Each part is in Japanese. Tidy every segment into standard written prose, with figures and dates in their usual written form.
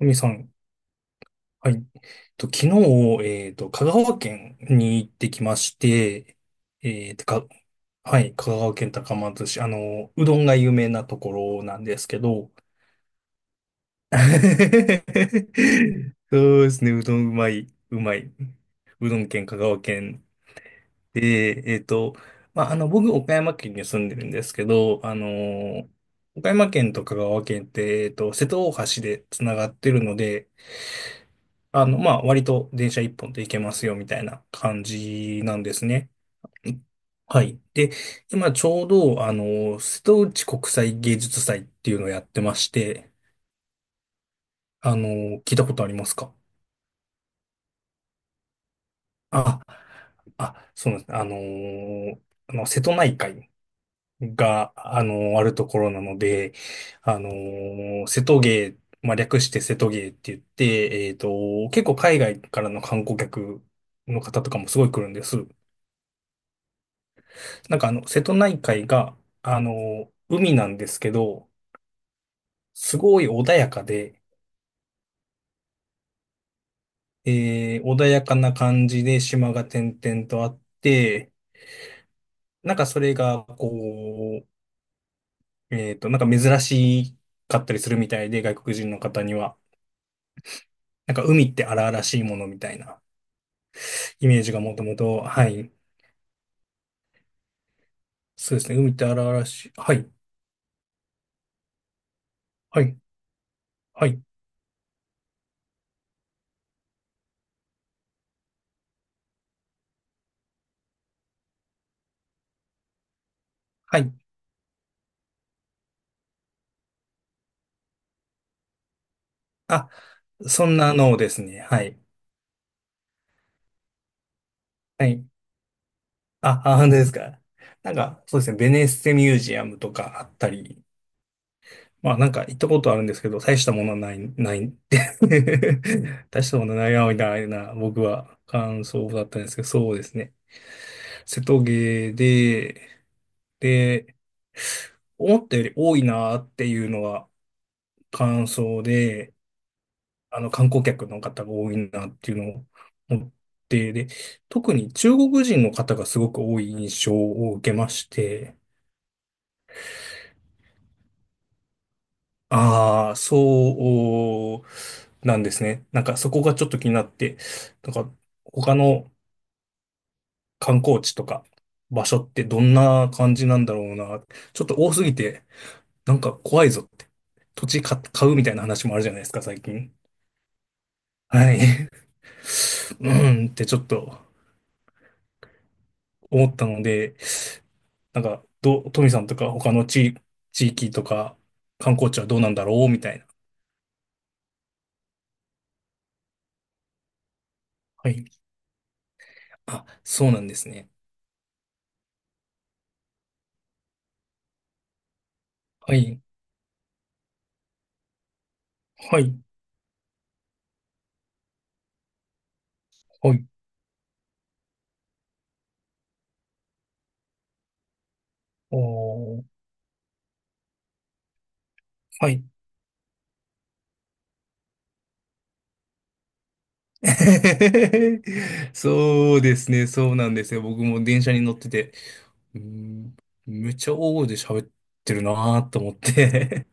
神さん、はい。と、昨日、香川県に行ってきまして、えっと、か、はい、香川県高松市、うどんが有名なところなんですけど、そうですね、うどんうまい、うまい。うどん県、香川県で、まあ、僕、岡山県に住んでるんですけど、岡山県と香川県って、瀬戸大橋でつながってるので、まあ、割と電車一本で行けますよ、みたいな感じなんですね。はい。で、今ちょうど、瀬戸内国際芸術祭っていうのをやってまして、あの、聞いたことありますか？あ、あ、そうなんです。瀬戸内海が、あるところなので、瀬戸芸、まあ、略して瀬戸芸って言って、結構海外からの観光客の方とかもすごい来るんです。なんか瀬戸内海が、海なんですけど、すごい穏やかで、穏やかな感じで島が点々とあって、なんかそれが、こう、なんか珍しかったりするみたいで、外国人の方には。なんか海って荒々しいものみたいなイメージがもともと、はい。そうですね。海って荒々しい。はい。はい。はい。はい。あ、そんなのをですね。はい。はい。あ、あ、本当ですか。なんか、そうですね、ベネッセミュージアムとかあったり、まあなんか行ったことあるんですけど、大したものはない、ないって 大したものないな、みたいな、僕は感想だったんですけど、そうですね。瀬戸芸で、で、思ったより多いなっていうのは感想で、観光客の方が多いなっていうのを思って、で、特に中国人の方がすごく多い印象を受けまして、ああ、そうなんですね。なんかそこがちょっと気になって、なんか他の観光地とか場所ってどんな感じなんだろうな。ちょっと多すぎて、なんか怖いぞって。土地買うみたいな話もあるじゃないですか、最近。はい。うんってちょっと思ったので、なんか、トミさんとか他の地域とか観光地はどうなんだろうみたいな。はい。あ、そうなんですね。はい。はい。はい。おー、はい。そうですね、そうなんですよ。僕も電車に乗ってて、うーん、めっちゃ大声で喋ってるなーと思って。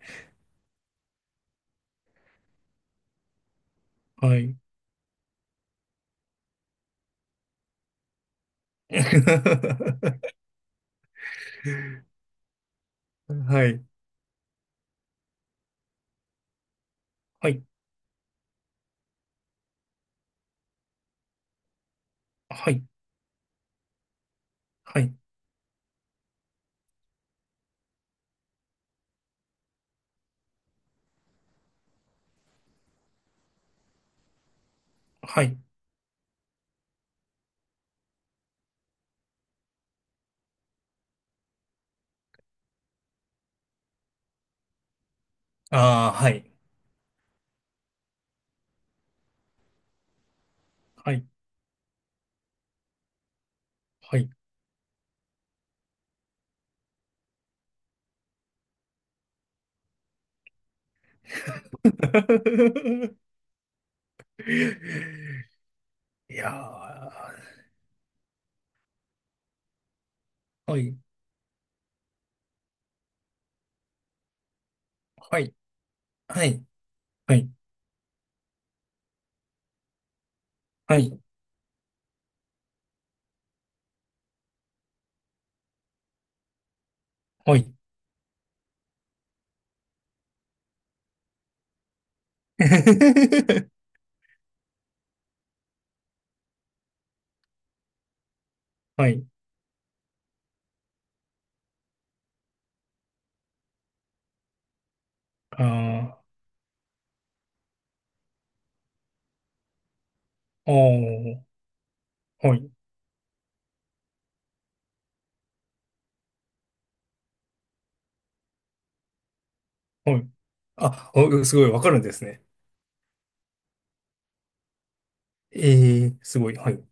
はい。はい。はい。はい。はい。はい。ああ、はい。はい。はい。いやー、はい。はい。はい。はい。はい。はい。はい。ああ、おー、はい。はい。あ、お、すごいわかるんですね。ええ、すごい。はい。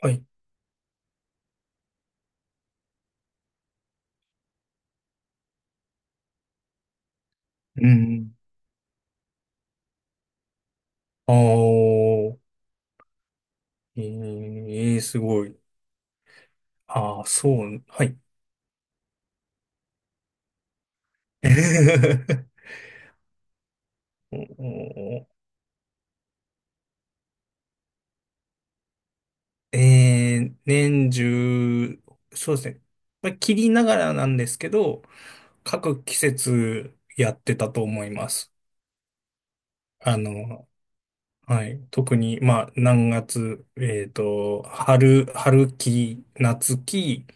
はい。うん。あー、ええ、すごい。あー、そう、はい。おえ年中、そうですね。まあ、切りながらなんですけど、各季節やってたと思います。あの、はい。特に、まあ、何月、春期、夏期、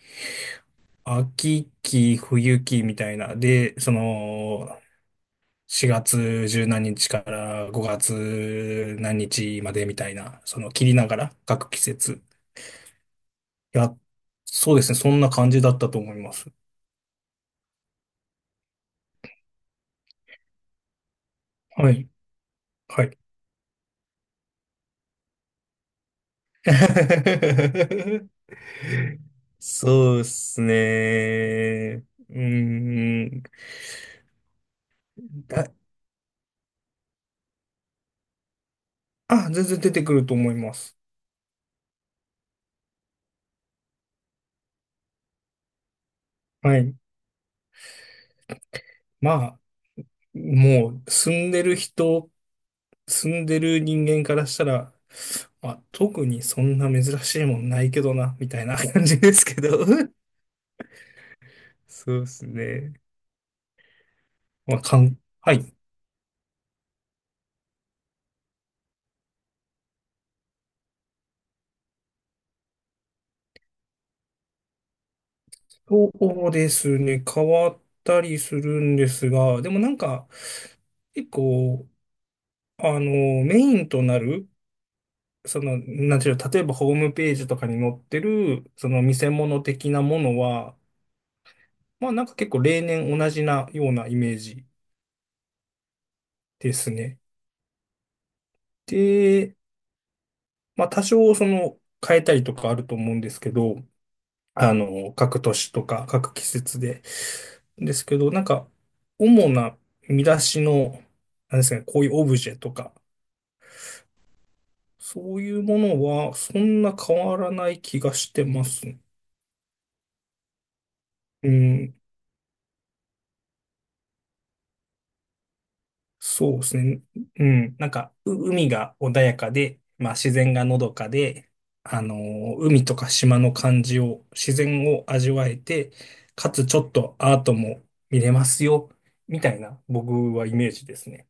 秋期、冬期みたいな。で、その、4月十何日から5月何日までみたいな、その切りながら各季節。いや、そうですね。そんな感じだったと思います。はい。はい。そうですね。うーん。だ、あ、全然出てくると思います。はい。まあ、もう住んでる人間からしたら、まあ、特にそんな珍しいもんないけどな、みたいな感じですけど。そうですね。まあ、はい。そうですね。変わったりするんですが、でもなんか、結構、あの、メインとなる、なんていうの、例えばホームページとかに載ってる、その見せ物的なものは、まあなんか結構例年同じなようなイメージですね。でまあ、多少その変えたりとかあると思うんですけど、各年とか各季節で。ですけど、なんか、主な見出しの、なんですかね、こういうオブジェとか、そういうものはそんな変わらない気がしてます。うん。そうですね。うん。なんか、海が穏やかで、まあ自然がのどかで、海とか島の感じを、自然を味わえて、かつちょっとアートも見れますよ、みたいな僕はイメージですね。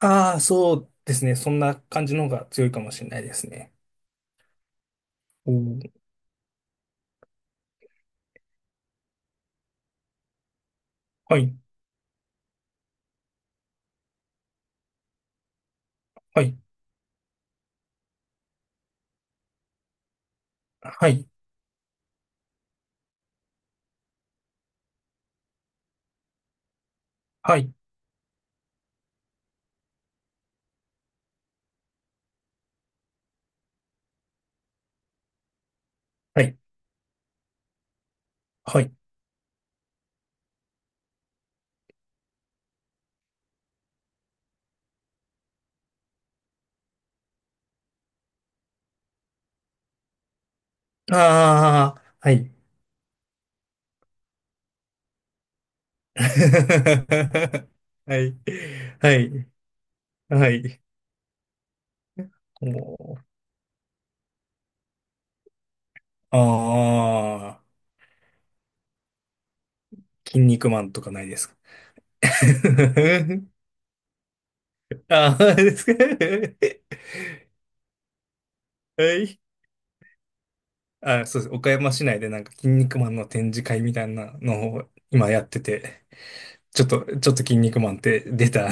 ああ、そうですね。そんな感じの方が強いかもしれないですね。おー、はい、はい、はい、はい、はい、はい。ああ、はい。はい、はい、はい。おー、ああ、筋肉マンとかないですか？ ああ、ですか？はい。あ、そうです。岡山市内でなんか筋肉マンの展示会みたいなのを今やってて、ちょっと筋肉マンって出たん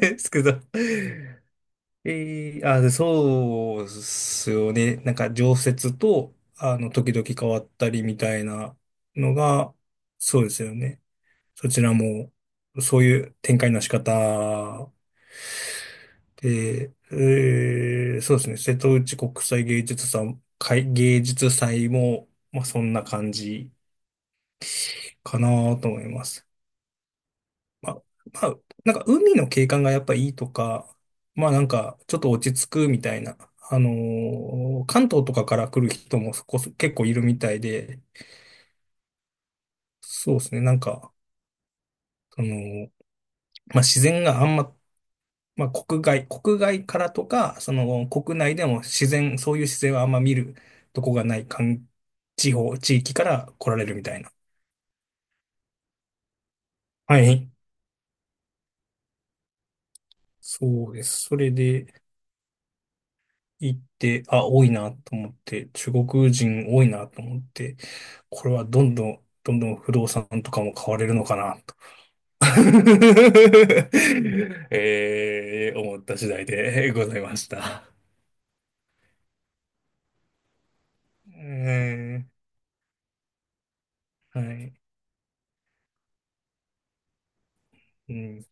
ですけど。あ、でそうっすよね。なんか常設と、時々変わったりみたいなのが、そうですよね。そちらも、そういう展開の仕方で、そうですね、瀬戸内国際芸術祭、会芸術祭も、まあそんな感じかなと思います。まあ、まあ、なんか海の景観がやっぱいいとか、まあなんかちょっと落ち着くみたいな、関東とかから来る人もそこそ結構いるみたいで、そうですね、なんか、その、まあ自然があんま、国外、国外からとか、その国内でも自然、そういう自然はあんま見るとこがない地域から来られるみたいな。はい。そうです。それで行って、あ、多いなと思って、中国人多いなと思って、これはどんどん、どんどん不動産とかも買われるのかなと 思った次第でございました。えーはい。うん。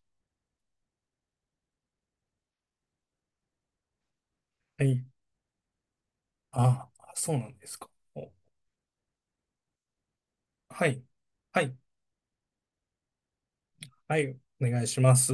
はい。あ、そうなんですか。お、はい。はい。はい。お願いします。